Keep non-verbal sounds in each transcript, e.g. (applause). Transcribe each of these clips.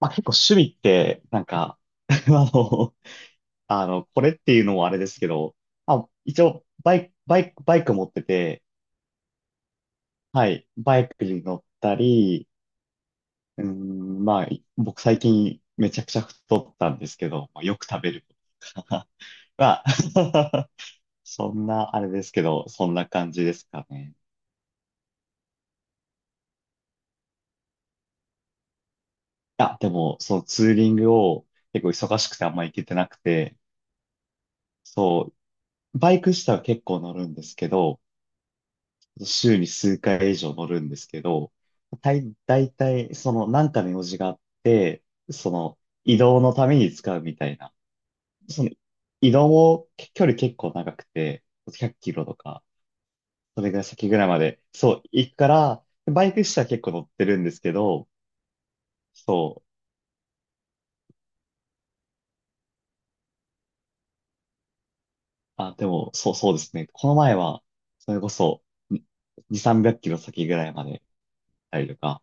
まあ結構趣味って、なんか (laughs) あの、これっていうのもあれですけど、まあ、一応、バイク持ってて、はい、バイクに乗ったり、まあ、僕最近めちゃくちゃ太ったんですけど、まあ、よく食べることとか。(laughs) まあ (laughs) そんな、あれですけど、そんな感じですかね。あ、でも、そのツーリングを結構忙しくてあんま行けてなくて、そう、バイク自体は結構乗るんですけど、週に数回以上乗るんですけど、大体、その、なんかの用事があって、その、移動のために使うみたいな。その、移動も距離結構長くて、100キロとか、それが先ぐらいまで、そう、行くから、バイク車は結構乗ってるんですけど、そう、あ、でも、そう、そうですね。この前は、それこそ、2、300キロ先ぐらいまで行ったりとか、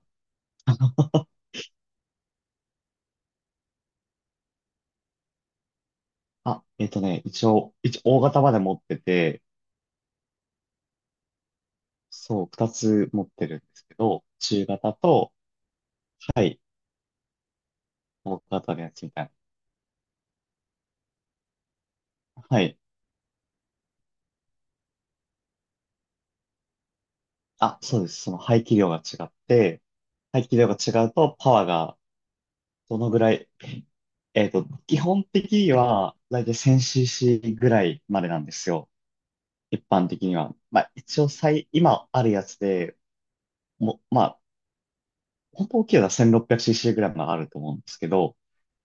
(laughs) あ、一応大型まで持ってて、そう、二つ持ってるんですけど、中型と、はい、大型のやつみたいな。はい。あ、そうです。その排気量が違って、排気量が違うとパワーがどのぐらい、基本的には大体 1000cc ぐらいまでなんですよ。一般的には。まあ一応今あるやつで、もまあ、本当大きいのは 1600cc ぐらいまであると思うんですけど、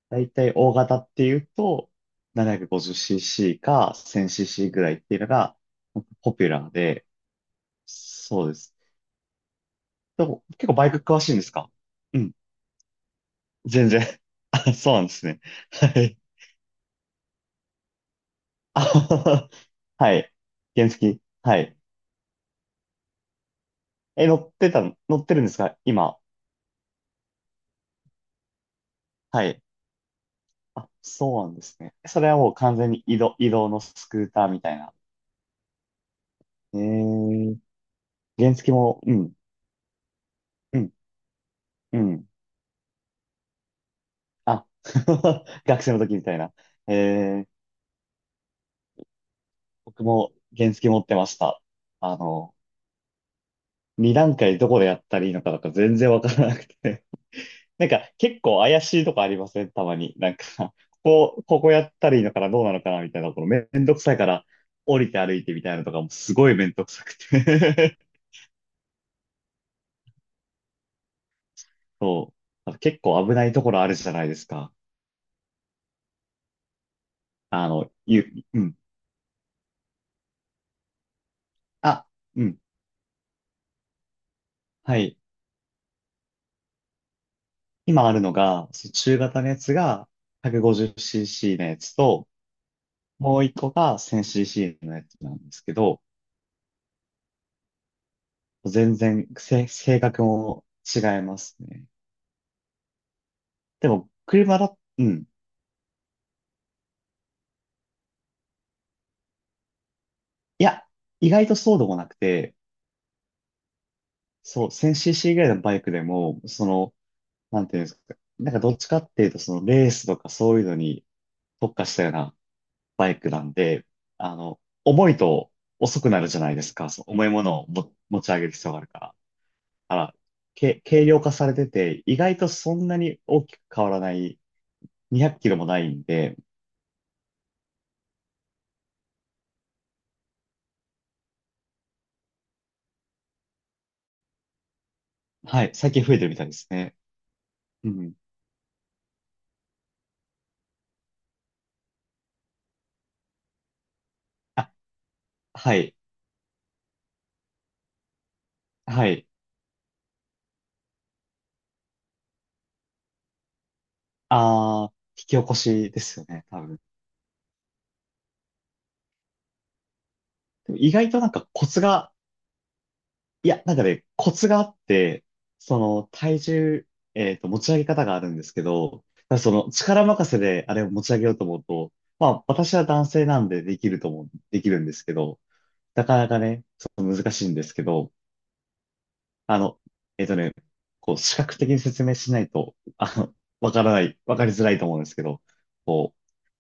だいたい大型っていうと、750cc か 1000cc ぐらいっていうのがポピュラーで、そうです。でも結構バイク詳しいんですか？うん、全然。(laughs) あ、そうなんですね。はい。あはは。はい。原付。はい。え、乗ってるんですか今？はい。あ、そうなんですね。それはもう完全に移動のスクーターみたいな。えー、原付も、うん、うん、うん。あ、(laughs) 学生の時みたいな。ええ、僕も原付持ってました。あの、2段階どこでやったらいいのかとか全然わからなくて。(laughs) なんか結構怪しいとこありません？たまに。なんか、ここやったらいいのかなどうなのかなみたいなところめんどくさいから降りて歩いてみたいなのとかもすごいめんどくさくて。 (laughs) そう。結構危ないところあるじゃないですか。うん。あ、うん。はい。今あるのが、その中型のやつが 150cc のやつと、もう一個が 1000cc のやつなんですけど、全然性格も違いますね。でも、車だ、うん。いや、意外とそうでもなくて、そう、1000cc ぐらいのバイクでも、その、なんていうんですか、なんかどっちかっていうと、そのレースとかそういうのに特化したようなバイクなんで、重いと遅くなるじゃないですか、そう、重いものをも持ち上げる必要があるから。あら、け、軽量化されてて、意外とそんなに大きく変わらない、200キロもないんで、はい、最近増えてるみたいですね。うん。あ、はい、はい。引き起こしですよね、多分。でも意外となんかコツが、いや、なんかね、コツがあって、その体重、持ち上げ方があるんですけど、ただその力任せであれを持ち上げようと思うと、まあ私は男性なんでできると思う、できるんですけど、なかなかね、その難しいんですけど、あの、えっとね、こう、視覚的に説明しないと、わからない、わかりづらいと思うんですけど、こう、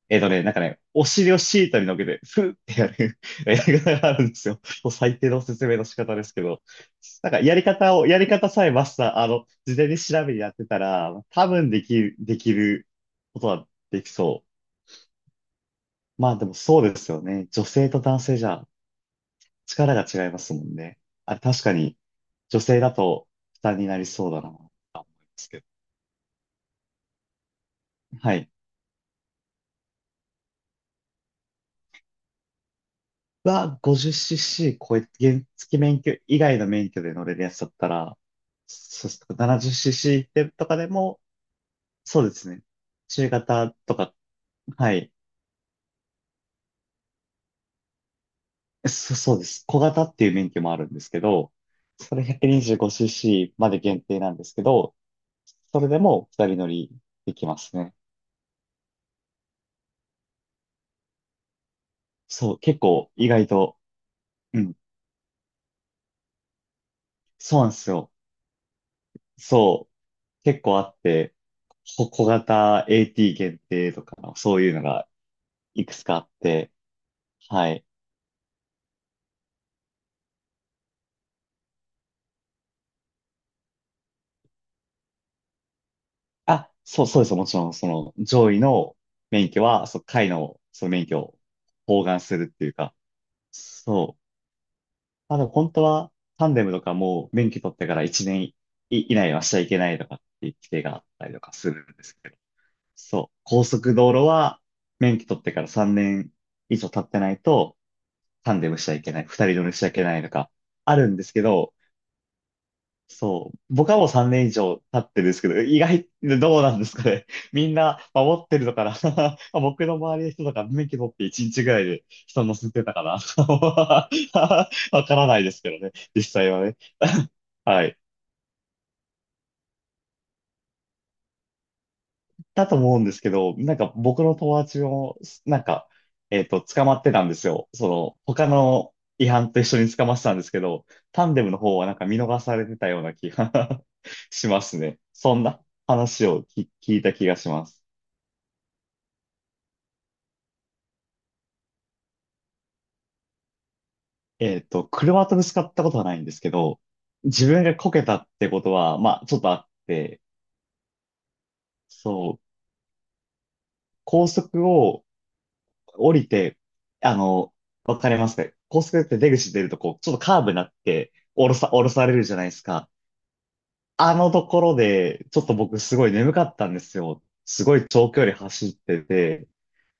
なんかね、お尻をシートに乗っけて、ふってやる (laughs) やり方があるんですよ。もう最低の説明の仕方ですけど、なんかやり方を、やり方さえマスター、事前に調べにやってたら、多分できる、できることはできそう。まあでもそうですよね。女性と男性じゃ力が違いますもんね。あ、確かに、女性だと負担になりそうだな。はい。50cc 超え、原付免許以外の免許で乗れるやつだったら、そしてななじゅうすると 70cc ってとかでも、そうですね。中型とか、はい。そうです。小型っていう免許もあるんですけど、それ 125cc まで限定なんですけど、それでも二人乗りできますね。そう、結構意外と、うん、そうなんですよ。そう、結構あって、小型 AT 限定とか、そういうのがいくつかあって、はい。あ、そうです。もちろん、その上位の免許は、そう、下位のその免許を包含するっていうか、そう。まあでも本当は、タンデムとかも免許取ってから1年以内はしちゃいけないとかっていう規定があったりとかするんですけど、そう。高速道路は免許取ってから3年以上経ってないと、タンデムしちゃいけない、二人乗りしちゃいけないとか、あるんですけど、そう。僕はもう3年以上経ってるんですけど、どうなんですかね。(laughs) みんな守ってるのかな。 (laughs) 僕の周りの人とか免許取って1日ぐらいで人乗せてたかな。 (laughs) わからないですけどね、実際はね。(laughs) はい。だと思うんですけど、なんか僕の友達も、なんか、捕まってたんですよ。その、他の違反と一緒に捕まってたんですけど、タンデムの方はなんか見逃されてたような気が (laughs) しますね。そんな話を聞いた気がします。車とぶつかったことはないんですけど、自分がこけたってことは、まあ、ちょっとあって、そう、高速を降りて、あの、わかりますか？高速って出口出るとこう、ちょっとカーブになって、降ろされるじゃないですか。あのところで、ちょっと僕すごい眠かったんですよ。すごい長距離走ってて、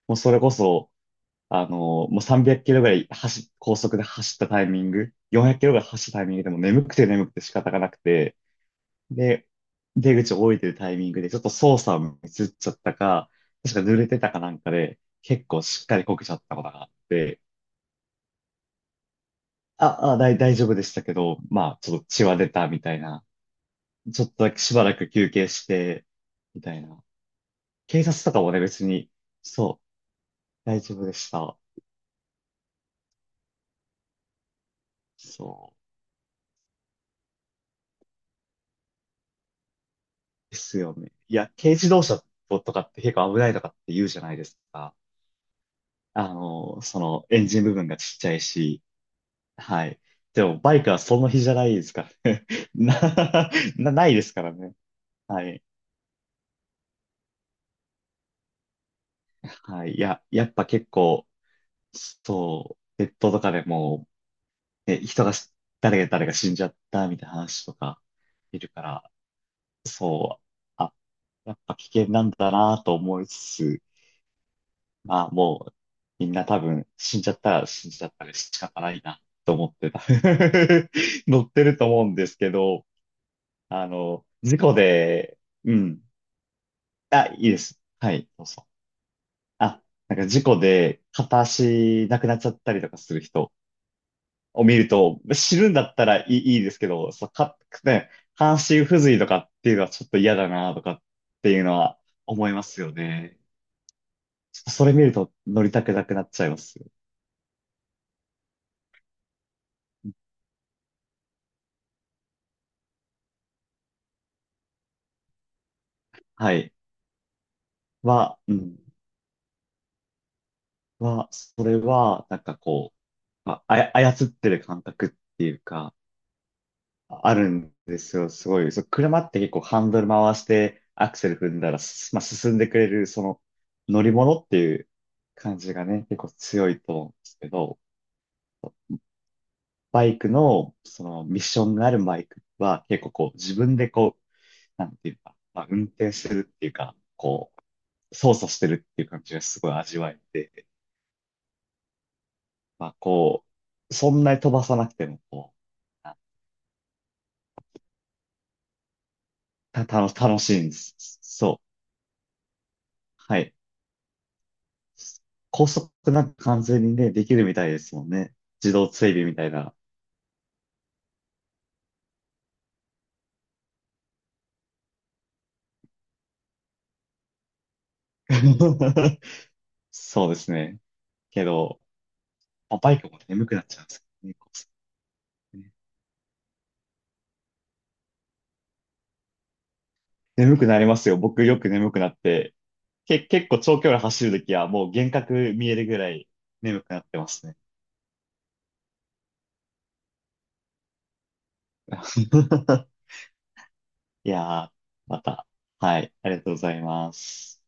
もうそれこそ、もう300キロぐらい高速で走ったタイミング、400キロぐらい走ったタイミングでも眠くて眠くて仕方がなくて、で、出口を降りてるタイミングでちょっと操作をミスっちゃったか、確か濡れてたかなんかで、結構しっかりこけちゃったことがあって、大丈夫でしたけど、まあ、ちょっと血は出たみたいな。ちょっとだけしばらく休憩して、みたいな。警察とかもね、別に、そう、大丈夫でした。そうですよね。いや、軽自動車とかって結構危ないとかって言うじゃないですか。その、エンジン部分がちっちゃいし、はい。でも、バイクはその日じゃないですからね。(laughs) な、ないですからね。はい。はい。いや、やっぱ結構、そう、ネットとかでも、ね、人がし、誰が死んじゃったみたいな話とかいるから、そう、あ、やっぱ危険なんだなと思いつつ、まあもう、みんな多分死んじゃったら死んじゃったで仕方ないなと思ってた。(laughs) 乗ってると思うんですけど、事故で、うん、はい、そうそう。あ、なんか事故で片足なくなっちゃったりとかする人、を見ると、知るんだったらいいですけど、そう、ね、半身不随とかっていうのはちょっと嫌だなとかっていうのは思いますよね。ちょっとそれ見ると乗りたくなくなっちゃいますよ。はい。うん。それは、なんかこう、まあ、操ってる感覚っていうか、あるんですよ。すごい。そう、車って結構ハンドル回してアクセル踏んだら、まあ、進んでくれる、その乗り物っていう感じがね、結構強いと思うんですけど、バイクの、そのミッションがあるバイクは結構こう自分でこう、なんていうか、まあ、運転してるっていうか、こう、操作してるっていう感じがすごい味わえて、まあこう、そんなに飛ばさなくてもこう、あた、たの、楽しいんです。そう。はい。高速なんか完全にね、できるみたいですもんね。自動追尾みたいな。(laughs) そうですね。けど、まあバイクも眠くなっちゃうんですよね。こうね眠くなりますよ。僕よく眠くなって、結構長距離走るときはもう幻覚見えるぐらい眠くなってますね。(laughs) いやー、また。はい、ありがとうございます。